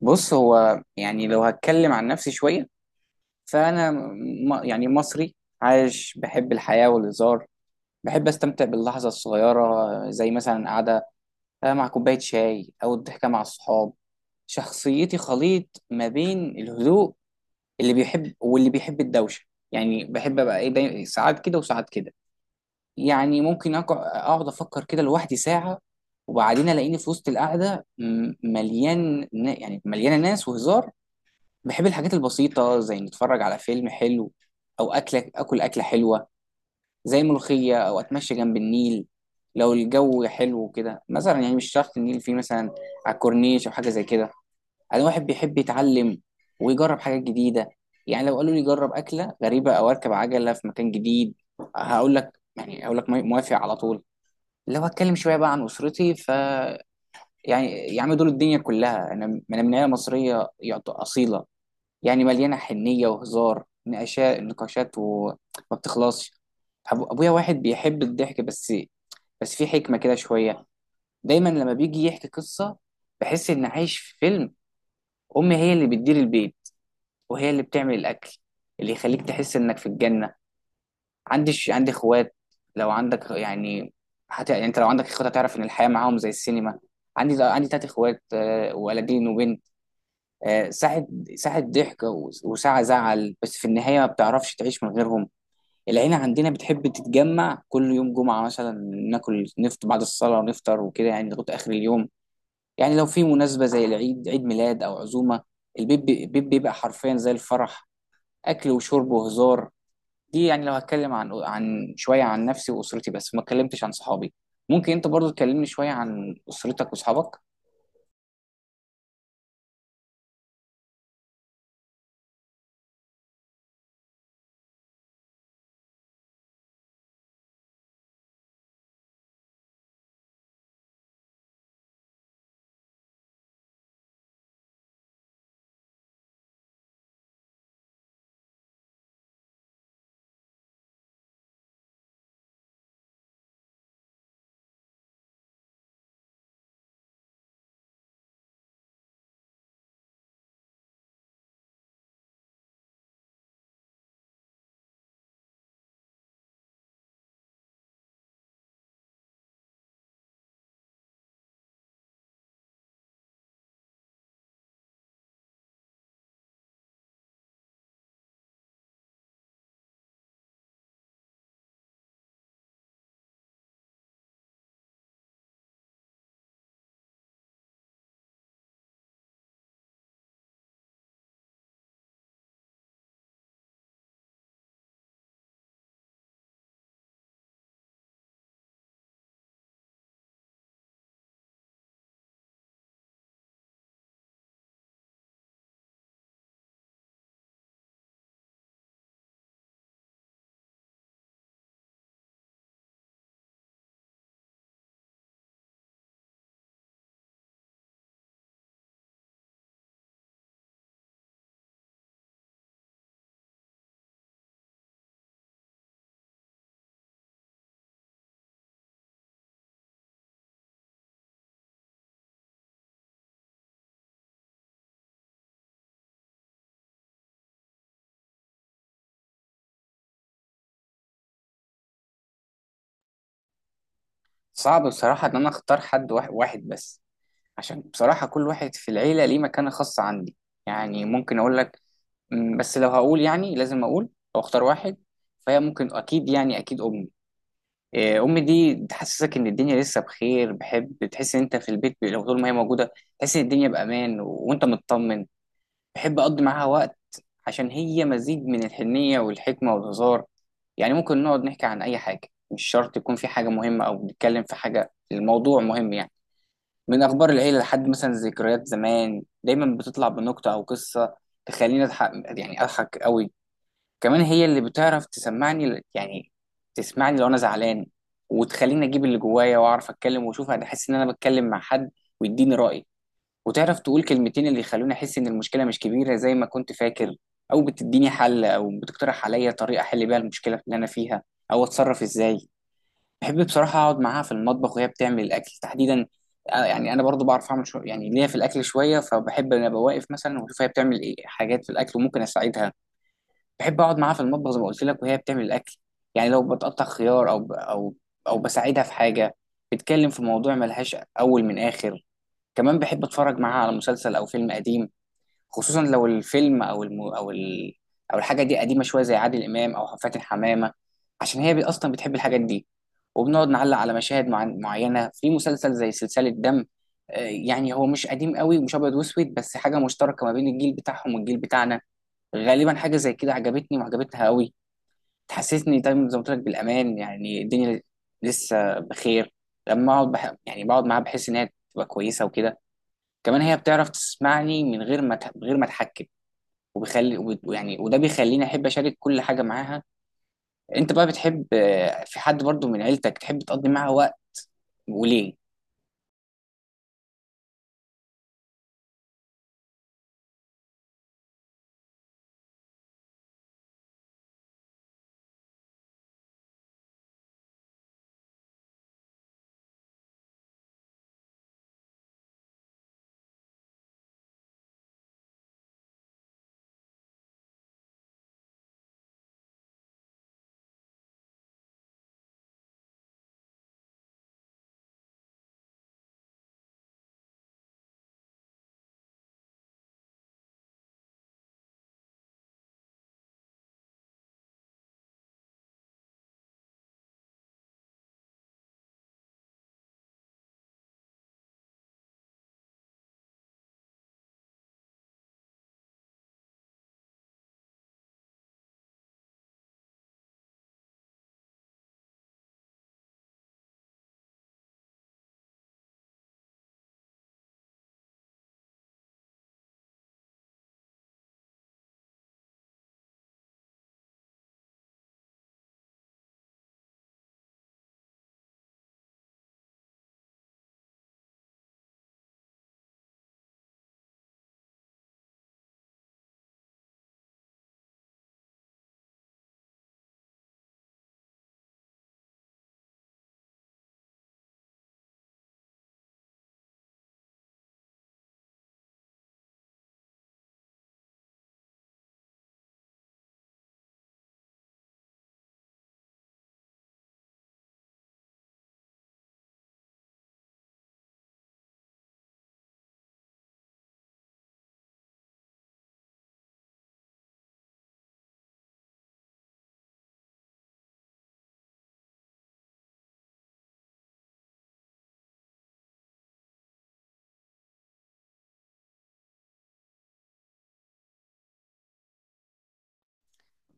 بص، هو يعني لو هتكلم عن نفسي شوية، فأنا يعني مصري عايش، بحب الحياة والهزار. بحب أستمتع باللحظة الصغيرة، زي مثلا قعدة مع كوباية شاي أو الضحكة مع الصحاب. شخصيتي خليط ما بين الهدوء اللي بيحب، واللي بيحب الدوشة. يعني بحب أبقى إيه، دايما ساعات كده وساعات كده. يعني ممكن أقعد أفكر كده لوحدي ساعة، وبعدين ألاقيني في وسط القعدة يعني مليانة ناس وهزار. بحب الحاجات البسيطة، زي نتفرج على فيلم حلو، أو أكلة حلوة زي ملوخية، أو أتمشى جنب النيل لو الجو حلو كده مثلا. يعني مش شرط النيل، فيه مثلا على الكورنيش أو حاجة زي كده. أنا واحد بيحب يتعلم ويجرب حاجات جديدة. يعني لو قالوا لي جرب أكلة غريبة أو أركب عجلة في مكان جديد، هقول لك موافق على طول. لو هتكلم شوية بقى عن أسرتي، ف يعني يا عم دول الدنيا كلها. أنا من عيلة مصرية أصيلة. يعني مليانه حنيه وهزار، نقاشات وما بتخلصش. ابويا واحد بيحب الضحك، بس في حكمه كده شويه. دايما لما بيجي يحكي قصه بحس ان عايش في فيلم. امي هي اللي بتدير البيت، وهي اللي بتعمل الاكل اللي يخليك تحس انك في الجنه. عندي اخوات. لو عندك يعني، حتى يعني انت لو عندك اخوات هتعرف ان الحياه معاهم زي السينما. عندي تلات اخوات، آه، ولدين وبنت. آه، ساعة ساعة ضحك وساعة زعل، بس في النهاية ما بتعرفش تعيش من غيرهم. العيلة عندنا بتحب تتجمع كل يوم جمعة مثلا، ناكل نفطر بعد الصلاة، ونفطر وكده يعني لغاية آخر اليوم. يعني لو في مناسبة زي العيد، عيد ميلاد أو عزومة، البيت بيبقى حرفيا زي الفرح، أكل وشرب وهزار. دي يعني لو هتكلم عن شوية عن نفسي وأسرتي، بس ما اتكلمتش عن صحابي. ممكن أنت برضو تكلمني شوية عن أسرتك وأصحابك؟ صعب بصراحة إن أنا أختار حد واحد، واحد بس، عشان بصراحة كل واحد في العيلة ليه مكانة خاصة عندي. يعني ممكن أقول لك، م، بس لو هقول يعني لازم أقول أو أختار واحد، فهي ممكن أكيد، يعني أكيد أمي. إيه، أمي دي تحسسك إن الدنيا لسه بخير. بحب تحس إن أنت في البيت لو طول ما هي موجودة، تحس إن الدنيا بأمان وأنت مطمن. بحب أقضي معاها وقت عشان هي مزيج من الحنية والحكمة والهزار. يعني ممكن نقعد نحكي عن أي حاجة، مش شرط يكون في حاجة مهمة أو بنتكلم في حاجة الموضوع مهم يعني، من اخبار العيله لحد مثلا ذكريات زمان. دايما بتطلع بنكته او قصه تخليني اضحك، يعني اضحك قوي. كمان هي اللي بتعرف تسمعني ل- يعني تسمعني لو انا زعلان، وتخليني اجيب اللي جوايا واعرف اتكلم واشوف، انا احس ان انا بتكلم مع حد، ويديني راي. وتعرف تقول كلمتين اللي يخلوني احس ان المشكله مش كبيره زي ما كنت فاكر، او بتديني حل او بتقترح عليا طريقه احل بيها المشكله اللي انا فيها، او اتصرف ازاي. بحب بصراحة أقعد معاها في المطبخ وهي بتعمل الأكل تحديدا. آه، يعني أنا برضو بعرف أعمل شو يعني ليا في الأكل شوية، فبحب إن أنا أبقى واقف مثلا وأشوف هي بتعمل إيه حاجات في الأكل، وممكن أساعدها. بحب أقعد معاها في المطبخ زي ما قلت لك وهي بتعمل الأكل. يعني لو بتقطع خيار أو ب- أو أو بساعدها في حاجة، بتتكلم في موضوع ملهاش أول من آخر. كمان بحب أتفرج معاها على مسلسل أو فيلم قديم، خصوصا لو الفيلم او الم... او ال... او الحاجه دي قديمه شويه، زي عادل امام او فاتن حمامه. عشان هي اصلا بتحب الحاجات دي. وبنقعد نعلق على مشاهد معينه في مسلسل زي سلسله دم. آه، يعني هو مش قديم قوي ومش ابيض واسود، بس حاجه مشتركه ما بين الجيل بتاعهم والجيل بتاعنا. غالبا حاجه زي كده عجبتني وعجبتها قوي. تحسسني دايما زي ما قلت لك بالامان، يعني الدنيا لسه بخير. لما اقعد بح... يعني بقعد معاها بحس ان هي تبقى كويسه وكده. كمان هي بتعرف تسمعني من غير ما اتحكم. وبيخلي وب- ويعني وده بيخليني احب اشارك كل حاجه معاها. انت بقى بتحب آه، في حد برضو من عيلتك تحب تقضي معاه وقت؟ وليه؟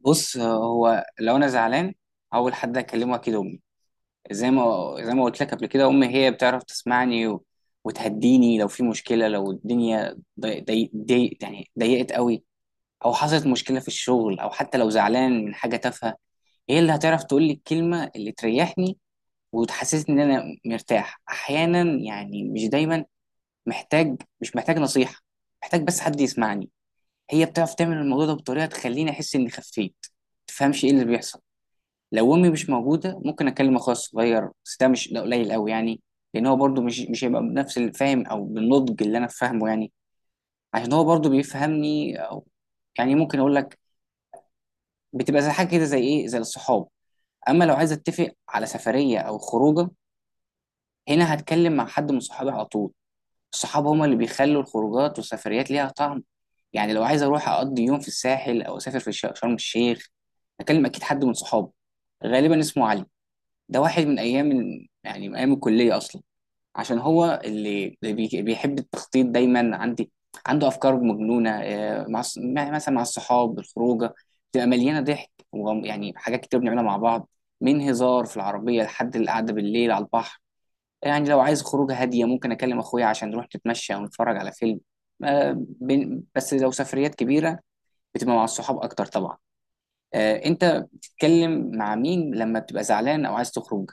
بص، آه، هو لو انا زعلان اول حد اكلمه اكيد امي. زي ما قلت لك قبل كده، امي هي بتعرف تسمعني و... وتهديني لو في مشكله، لو الدنيا يعني ضيقت قوي، او حصلت مشكله في الشغل، او حتى لو زعلان من حاجه تافهه، هي اللي هتعرف تقول لي الكلمه اللي تريحني وتحسسني ان انا مرتاح. احيانا يعني مش دايما مش محتاج نصيحة، محتاج بس حد يسمعني. هي بتعرف تعمل الموضوع ده بطريقة تخليني أحس إني خفيت، تفهمش إيه اللي بيحصل. لو أمي مش موجودة ممكن أكلم أخويا الصغير، بس ده مش ده قليل أوي يعني، لأن هو برضه مش هيبقى بنفس الفهم أو بالنضج اللي أنا فاهمه يعني. عشان هو برضه بيفهمني، أو يعني ممكن أقول لك بتبقى زي حاجة كده، زي إيه، زي الصحاب. أما لو عايز أتفق على سفرية أو خروجة، هنا هتكلم مع حد من صحابي على طول. الصحاب هما اللي بيخلوا الخروجات والسفريات ليها طعم. يعني لو عايز اروح اقضي يوم في الساحل او اسافر في شرم الشيخ، اكلم اكيد حد من صحابي، غالبا اسمه علي. ده واحد من ايام ال- يعني من ايام الكليه اصلا، عشان هو اللي بيحب التخطيط. دايما عندي عنده افكار مجنونه. آه، مع مثلا مع الصحاب الخروجه بتبقى مليانه ضحك، ويعني حاجات كتير بنعملها مع بعض، من هزار في العربيه لحد القعده بالليل على البحر. يعني لو عايز خروجه هاديه ممكن اكلم اخويا عشان نروح نتمشى ونتفرج على فيلم. آه، بس لو سفريات كبيره بتبقى مع الصحاب اكتر طبعا. آه، انت بتتكلم مع مين لما بتبقى زعلان او عايز تخرج؟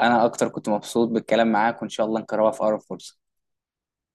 انا اكتر كنت مبسوط بالكلام معاك، وان شاء الله نكررها في اقرب فرصة.